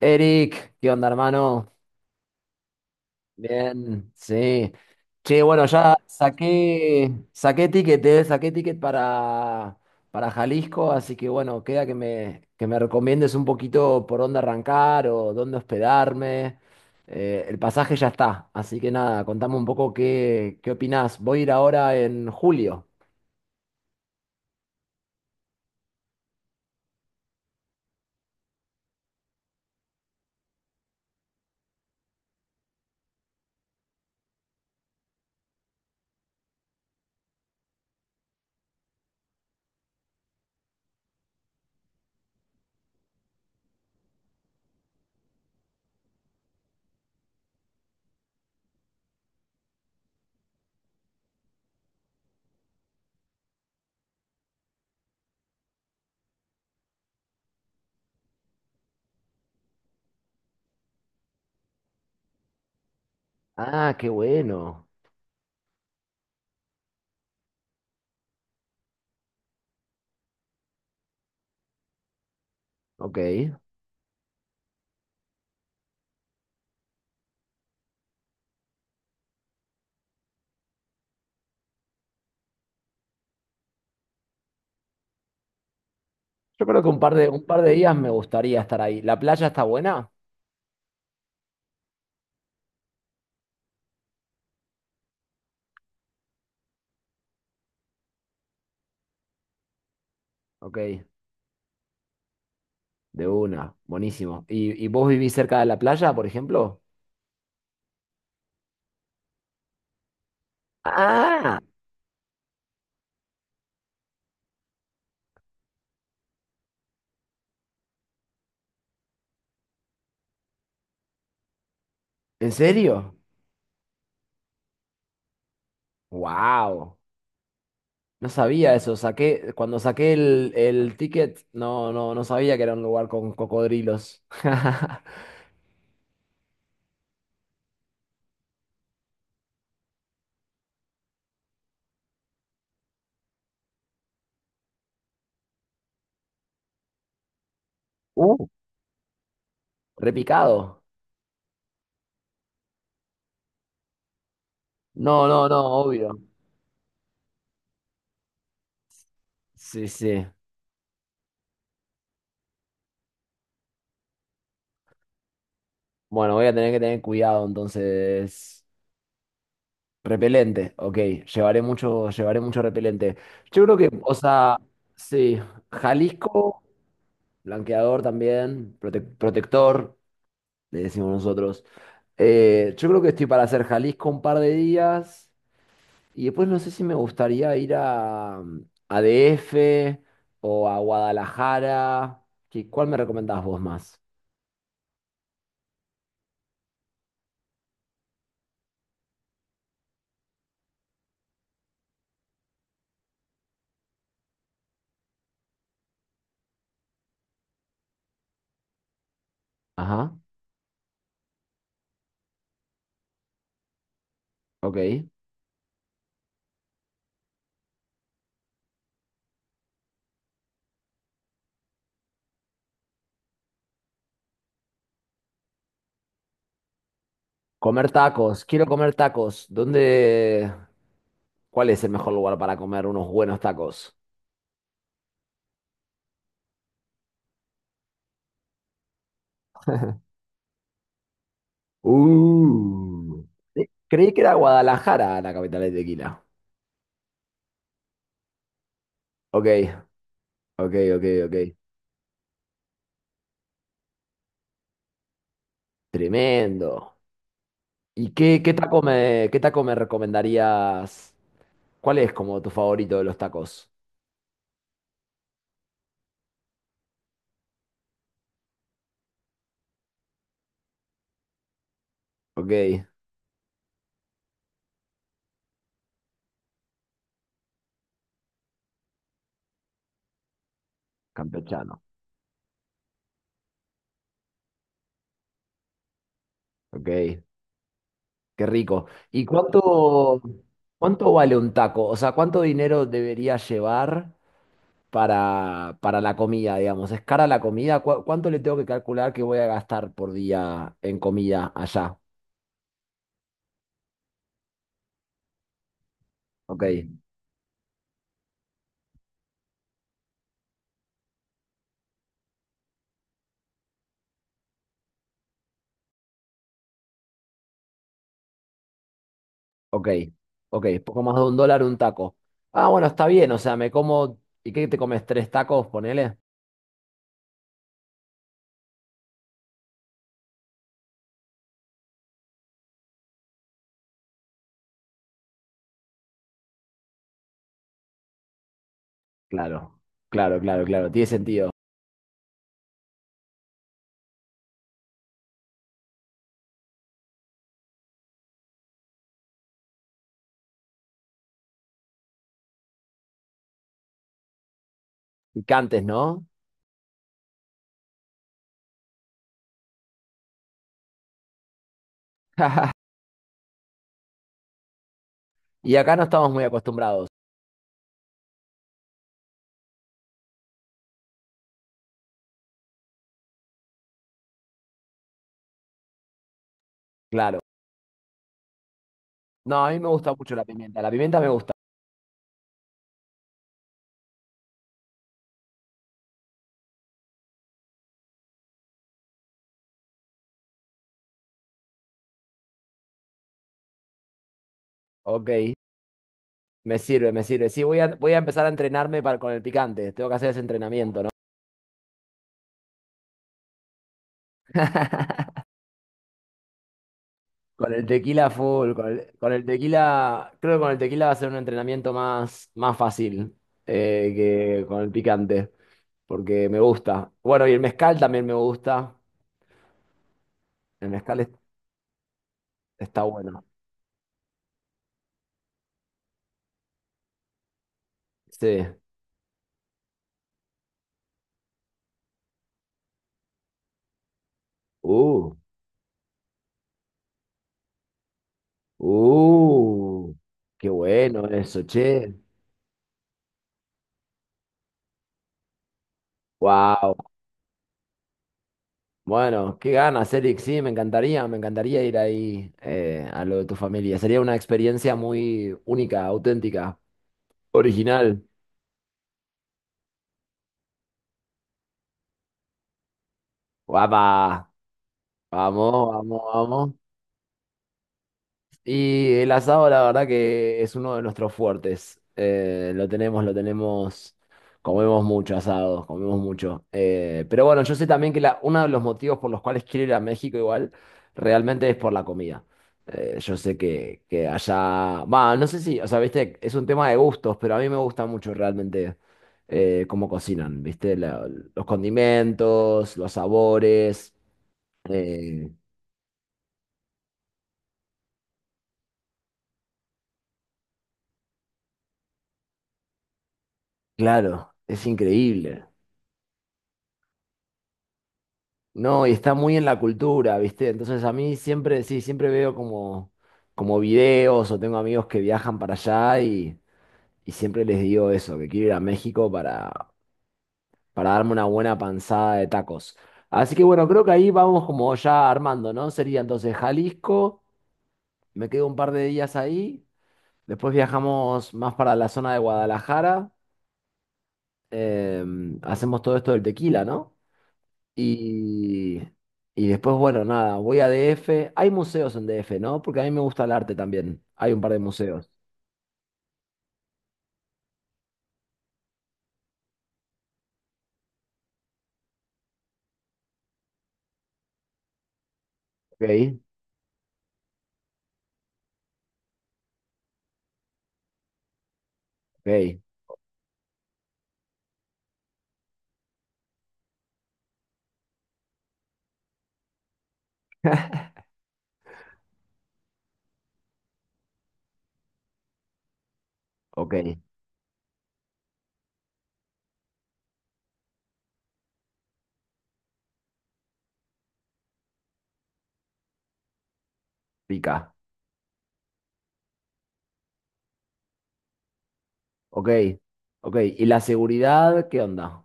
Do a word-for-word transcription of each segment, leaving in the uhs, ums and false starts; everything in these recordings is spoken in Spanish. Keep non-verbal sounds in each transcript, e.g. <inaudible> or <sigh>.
Eric, ¿qué onda, hermano? Bien, sí. Che, bueno, ya saqué, saqué ticket, eh, saqué ticket para, para Jalisco, así que bueno, queda que me, que me recomiendes un poquito por dónde arrancar o dónde hospedarme. Eh, el pasaje ya está, así que nada, contame un poco qué, qué opinás. Voy a ir ahora en julio. Ah, qué bueno. Ok. Yo creo que un par de, un par de días me gustaría estar ahí. ¿La playa está buena? Ok. De una, buenísimo. ¿Y, y vos vivís cerca de la playa, por ejemplo? Ah, ¿en serio? Wow, no sabía eso. Saqué, cuando saqué el, el ticket, no, no, no sabía que era un lugar con cocodrilos. <laughs> Uh, repicado. No, no, no, obvio. Sí, sí. Bueno, voy a tener que tener cuidado entonces. Repelente, ok. Llevaré mucho, llevaré mucho repelente. Yo creo que, o sea, sí, Jalisco. Blanqueador también, prote- protector, le decimos nosotros. Eh, yo creo que estoy para hacer Jalisco un par de días y después no sé si me gustaría ir a, mm, a D F o a Guadalajara. ¿Qué- ¿Cuál me recomendás vos más? Ajá, ok. Comer tacos, quiero comer tacos. ¿Dónde? ¿Cuál es el mejor lugar para comer unos buenos tacos? Uh. Eh, Creí que era Guadalajara la capital de tequila. Ok, ok, ok, ok. Tremendo. ¿Y qué, qué taco me, qué taco me recomendarías? ¿Cuál es como tu favorito de los tacos? Ok, campechano. Ok, qué rico. ¿Y cuánto, cuánto vale un taco? O sea, ¿cuánto dinero debería llevar para, para la comida, digamos? ¿Es cara la comida? ¿Cu- ¿cuánto le tengo que calcular que voy a gastar por día en comida allá? Ok, ok, ok. Poco más de un dólar un taco. Ah, bueno, está bien. O sea, me como... ¿Y qué te comes? ¿Tres tacos, ponele? Claro, claro, claro, claro, tiene sentido. Picantes, ¿no? Y acá no estamos muy acostumbrados, claro. No, a mí me gusta mucho la pimienta, la pimienta me gusta. Ok, me sirve, me sirve. Sí, voy a, voy a empezar a entrenarme para, con el picante, tengo que hacer ese entrenamiento, ¿no? <laughs> Con el tequila full, con el, con el tequila, creo que con el tequila va a ser un entrenamiento más, más fácil eh, que con el picante, porque me gusta. Bueno, y el mezcal también me gusta, el mezcal es- está bueno. Sí. Uh. Uh, qué bueno eso, che. Wow. Bueno, qué ganas, Eric. Sí, me encantaría, me encantaría ir ahí eh, a lo de tu familia. Sería una experiencia muy única, auténtica, original. Guapa. Vamos, vamos, vamos. Y el asado, la verdad que es uno de nuestros fuertes. Eh, lo tenemos, lo tenemos. Comemos mucho asado, comemos mucho. Eh, pero bueno, yo sé también que la, uno de los motivos por los cuales quiero ir a México igual, realmente es por la comida. Eh, yo sé que, que allá, va, no sé si, o sea, viste, es un tema de gustos, pero a mí me gusta mucho realmente eh, cómo cocinan, viste, La- los condimentos, los sabores. Eh, claro, es increíble. No, y está muy en la cultura, ¿viste? Entonces a mí siempre, sí, siempre veo como como videos o tengo amigos que viajan para allá y, y siempre les digo eso, que quiero ir a México para, para darme una buena panzada de tacos. Así que bueno, creo que ahí vamos como ya armando, ¿no? Sería entonces Jalisco, me quedo un par de días ahí, después viajamos más para la zona de Guadalajara, em, hacemos todo esto del tequila, ¿no? Y, y después, bueno, nada, voy a D F. Hay museos en D F, ¿no? Porque a mí me gusta el arte también. Hay un par de museos. Ok, ok, <laughs> ok, pica. Ok, ok. ¿Y la seguridad qué onda?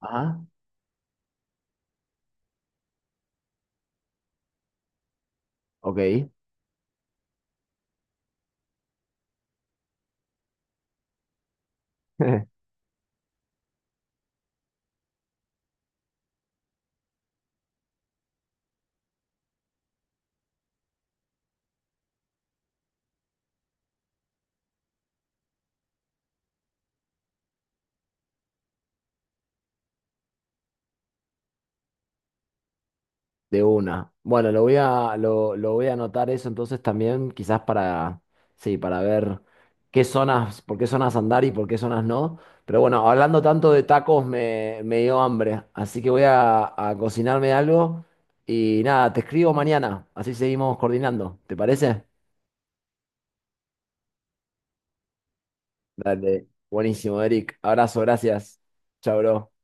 Ajá, ok. <laughs> De una. Bueno, lo voy a, lo, lo voy a anotar eso entonces también, quizás para, sí, para ver qué zonas, por qué zonas andar y por qué zonas no. Pero bueno, hablando tanto de tacos, me, me dio hambre. Así que voy a, a cocinarme algo y nada, te escribo mañana. Así seguimos coordinando. ¿Te parece? Dale. Buenísimo, Eric. Abrazo, gracias. Chao, bro.